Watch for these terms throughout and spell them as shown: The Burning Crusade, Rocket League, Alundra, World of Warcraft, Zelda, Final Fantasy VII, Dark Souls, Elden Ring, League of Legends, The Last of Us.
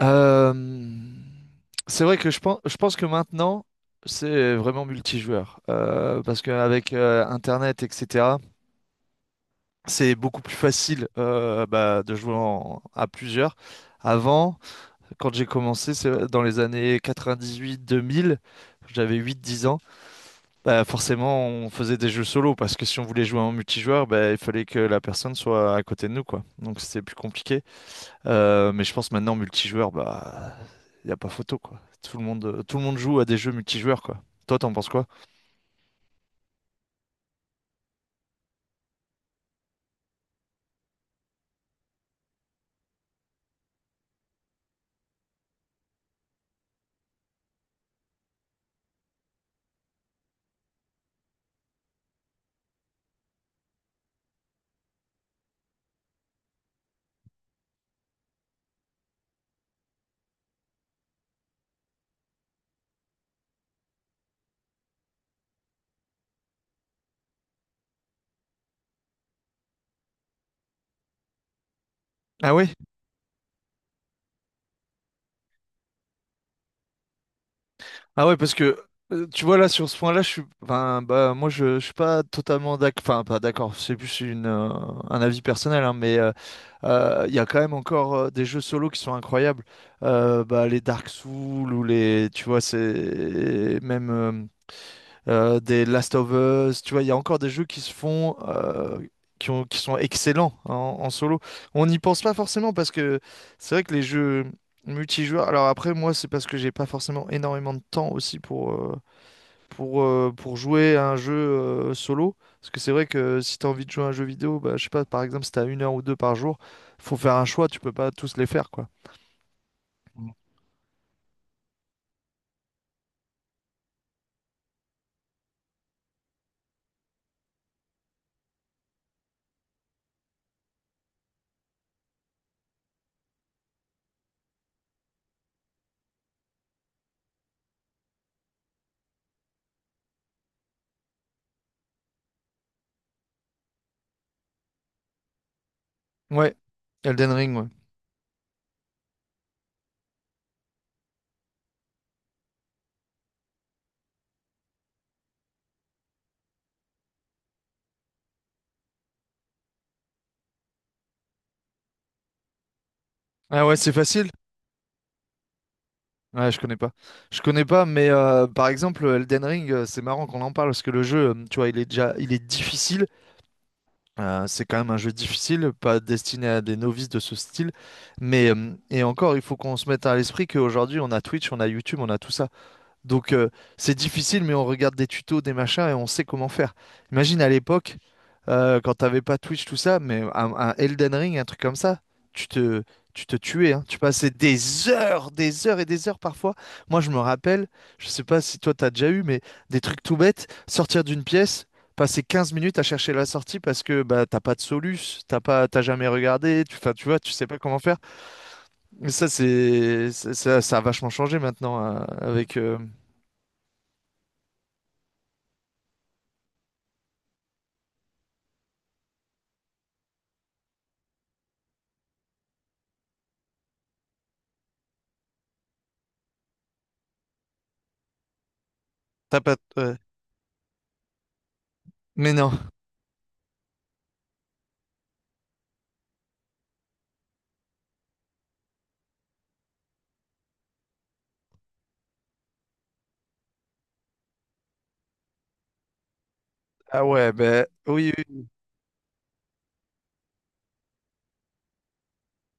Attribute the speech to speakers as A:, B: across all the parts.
A: Euh, c'est vrai que je pense que maintenant, c'est vraiment multijoueur. Parce qu'avec Internet, etc., c'est beaucoup plus facile bah, de jouer à plusieurs. Avant, quand j'ai commencé, c'est dans les années 98-2000, j'avais 8-10 ans, bah, forcément, on faisait des jeux solo. Parce que si on voulait jouer en multijoueur, bah, il fallait que la personne soit à côté de nous, quoi. Donc c'était plus compliqué. Mais je pense maintenant, multijoueur, bah, y a pas photo, quoi. Tout le monde joue à des jeux multijoueurs, quoi. Toi, t'en penses quoi? Ah ouais? Ah ouais, parce que tu vois là sur ce point-là, je suis, enfin, bah moi je suis pas totalement d'accord, enfin pas d'accord. C'est plus un avis personnel, hein, mais il y a quand même encore des jeux solo qui sont incroyables. Bah, les Dark Souls ou les, tu vois, c'est même des Last of Us, tu vois, il y a encore des jeux qui se font, qui sont excellents, hein, en solo. On n'y pense pas forcément parce que c'est vrai que les jeux multijoueurs. Alors après, moi, c'est parce que j'ai pas forcément énormément de temps aussi pour jouer à un jeu solo. Parce que c'est vrai que si tu as envie de jouer à un jeu vidéo, bah, je sais pas, par exemple, si tu as une heure ou deux par jour, faut faire un choix, tu peux pas tous les faire, quoi. Ouais, Elden Ring, ouais. Ah ouais, c'est facile. Ouais, je connais pas. Je connais pas, mais par exemple, Elden Ring, c'est marrant qu'on en parle parce que le jeu, tu vois, il est difficile. C'est quand même un jeu difficile, pas destiné à des novices de ce style. Mais, et encore, il faut qu'on se mette à l'esprit qu'aujourd'hui, on a Twitch, on a YouTube, on a tout ça. Donc, c'est difficile, mais on regarde des tutos, des machins et on sait comment faire. Imagine à l'époque quand t'avais pas Twitch, tout ça, mais un Elden Ring, un truc comme ça, tu te, tu te tuais, hein. Tu passais des heures et des heures parfois. Moi, je me rappelle, je sais pas si toi t'as déjà eu, mais des trucs tout bêtes, sortir d'une pièce, passer 15 minutes à chercher la sortie parce que bah t'as pas de soluce, t'as pas, t'as jamais regardé, tu, enfin, tu vois, tu sais pas comment faire. Mais ça, ça a vachement changé maintenant avec. T'as pas. Ouais. Mais non. Ah ouais, ben oui, oui.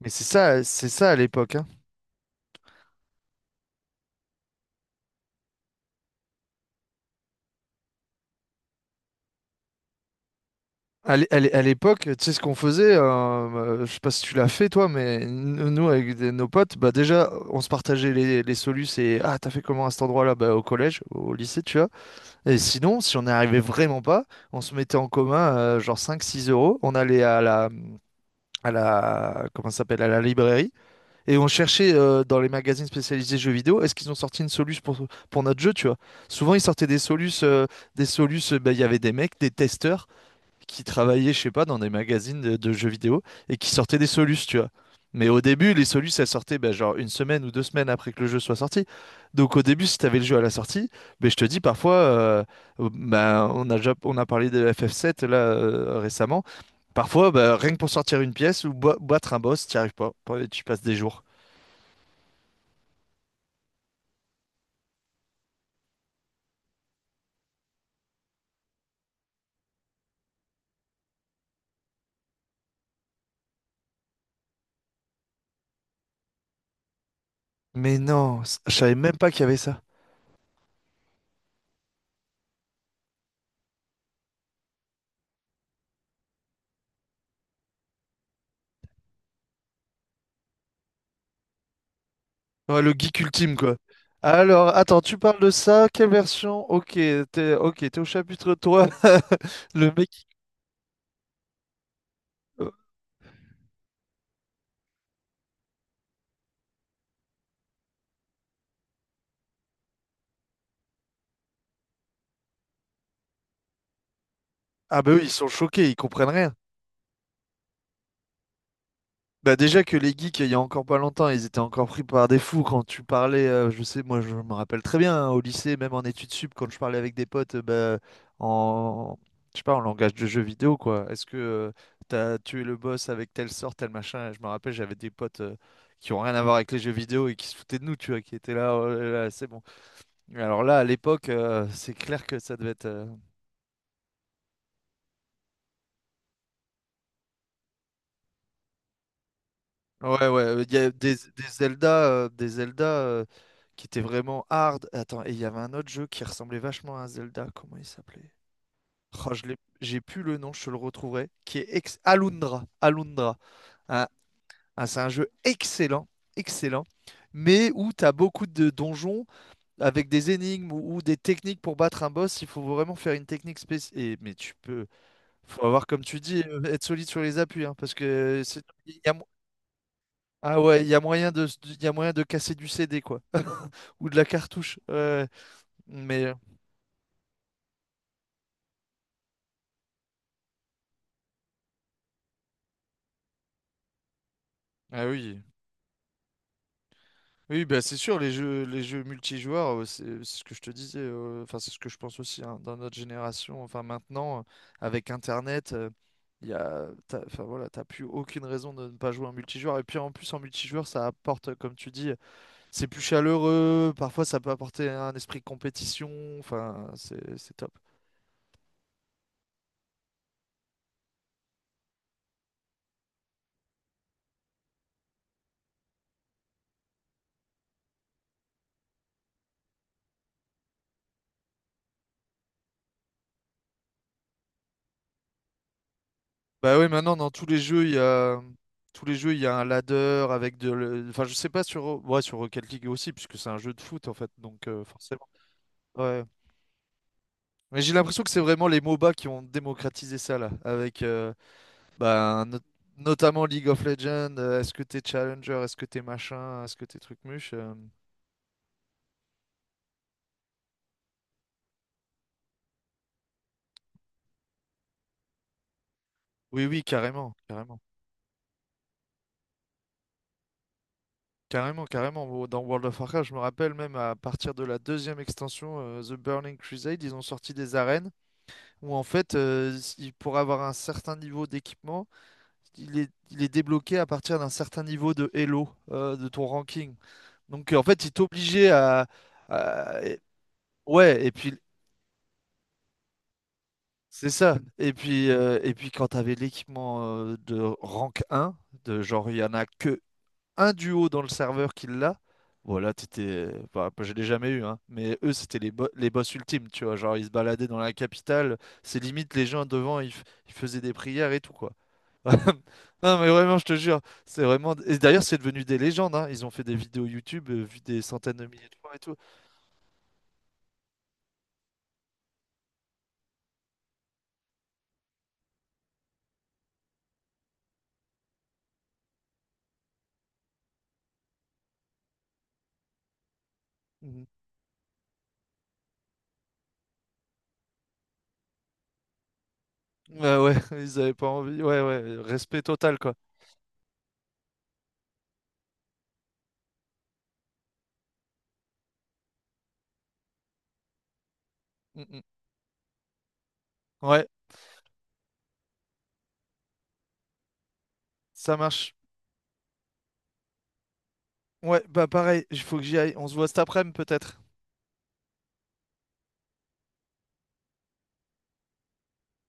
A: Mais c'est ça à l'époque, hein. À l'époque, tu sais ce qu'on faisait, je sais pas si tu l'as fait toi, mais nous avec nos potes, bah déjà on se partageait les solus et ah t'as fait comment à cet endroit-là, bah au collège, au lycée tu vois. Et sinon, si on n'y arrivait vraiment pas, on se mettait en commun genre 5, 6 euros, on allait à la comment ça s'appelle à la librairie et on cherchait dans les magazines spécialisés jeux vidéo, est-ce qu'ils ont sorti une soluce pour notre jeu tu vois. Souvent ils sortaient des solus, bah, il y avait des mecs, des testeurs qui travaillaient, je sais pas, dans des magazines de jeux vidéo et qui sortaient des solus, tu vois. Mais au début, les solus, elles sortaient ben, genre une semaine ou 2 semaines après que le jeu soit sorti. Donc au début, si t'avais le jeu à la sortie, ben, je te dis parfois, ben, on a parlé de FF7 là récemment. Parfois, ben, rien que pour sortir une pièce ou battre un boss, t'y arrives pas. Tu passes des jours. Mais non, je savais même pas qu'il y avait ça. Ouais, le geek ultime, quoi. Alors, attends, tu parles de ça, quelle version? Ok, t'es au chapitre 3. Le mec. Ah bah oui, ils sont choqués, ils comprennent rien. Bah déjà que les geeks, il y a encore pas longtemps, ils étaient encore pris par des fous quand tu parlais, je sais, moi je me rappelle très bien, hein, au lycée, même en études sup, quand je parlais avec des potes, bah, en, je sais pas, en langage de jeu vidéo, quoi. Est-ce que t'as tué le boss avec telle sorte, tel machin? Je me rappelle, j'avais des potes qui ont rien à voir avec les jeux vidéo et qui se foutaient de nous, tu vois, qui étaient là, oh là là, c'est bon. Mais alors là, à l'époque, c'est clair que ça devait être. Ouais, ouais, il y a des Zelda, qui étaient vraiment hard. Attends, et il y avait un autre jeu qui ressemblait vachement à un Zelda, comment il s'appelait? Oh, je l'ai, j'ai plus le nom, je te le retrouverai, qui est ex Alundra, Alundra. Un- c'est un jeu excellent, excellent, mais où tu as beaucoup de donjons avec des énigmes ou des techniques pour battre un boss, il faut vraiment faire une technique spéciale. Mais faut avoir, comme tu dis, être solide sur les appuis, hein, parce que il y a ah ouais, il y a moyen de casser du CD, quoi. Ou de la cartouche. Ouais. Mais. Ah oui. Oui, bah c'est sûr, les jeux multijoueurs, c'est ce que je te disais, enfin c'est ce que je pense aussi, hein, dans notre génération, enfin maintenant, avec Internet, t'as, enfin voilà, t'as plus aucune raison de ne pas jouer en multijoueur. Et puis en plus en multijoueur, ça apporte, comme tu dis, c'est plus chaleureux, parfois ça peut apporter un esprit de compétition, enfin c'est top. Bah oui, maintenant dans tous les jeux, il y a un ladder avec enfin je sais pas sur ouais, sur Rocket League aussi puisque c'est un jeu de foot en fait. Donc, forcément. Ouais. Mais j'ai l'impression que c'est vraiment les MOBA qui ont démocratisé ça là avec bah, notamment League of Legends, est-ce que t'es challenger, est-ce que t'es machin, est-ce que t'es truc muche. Oui oui, carrément, carrément. Carrément, carrément. Dans World of Warcraft, je me rappelle même à partir de la deuxième extension, The Burning Crusade, ils ont sorti des arènes. Où en fait, pour avoir un certain niveau d'équipement, il est débloqué à partir d'un certain niveau de Elo, de ton ranking. Donc, en fait, il t'obligeait à, à- et- Ouais, et puis c'est ça. Et puis, quand tu avais l'équipement de rank un, de genre il y en a que un duo dans le serveur qui l'a, voilà, t'étais. Bah, je l'ai jamais eu, hein, mais eux, c'était les boss ultimes, tu vois. Genre, ils se baladaient dans la capitale, c'est limite les gens devant, ils faisaient des prières et tout, quoi. Non, mais vraiment, je te jure, c'est vraiment. Et d'ailleurs, c'est devenu des légendes, hein. Ils ont fait des vidéos YouTube vues des centaines de milliers de fois et tout. Mhm. Ouais, ouais, ils avaient pas envie. Ouais, ouais, respect total, quoi. Mm, mm. Ouais, ça marche. Ouais, bah pareil, il faut que j'y aille. On se voit cet après-midi, peut-être.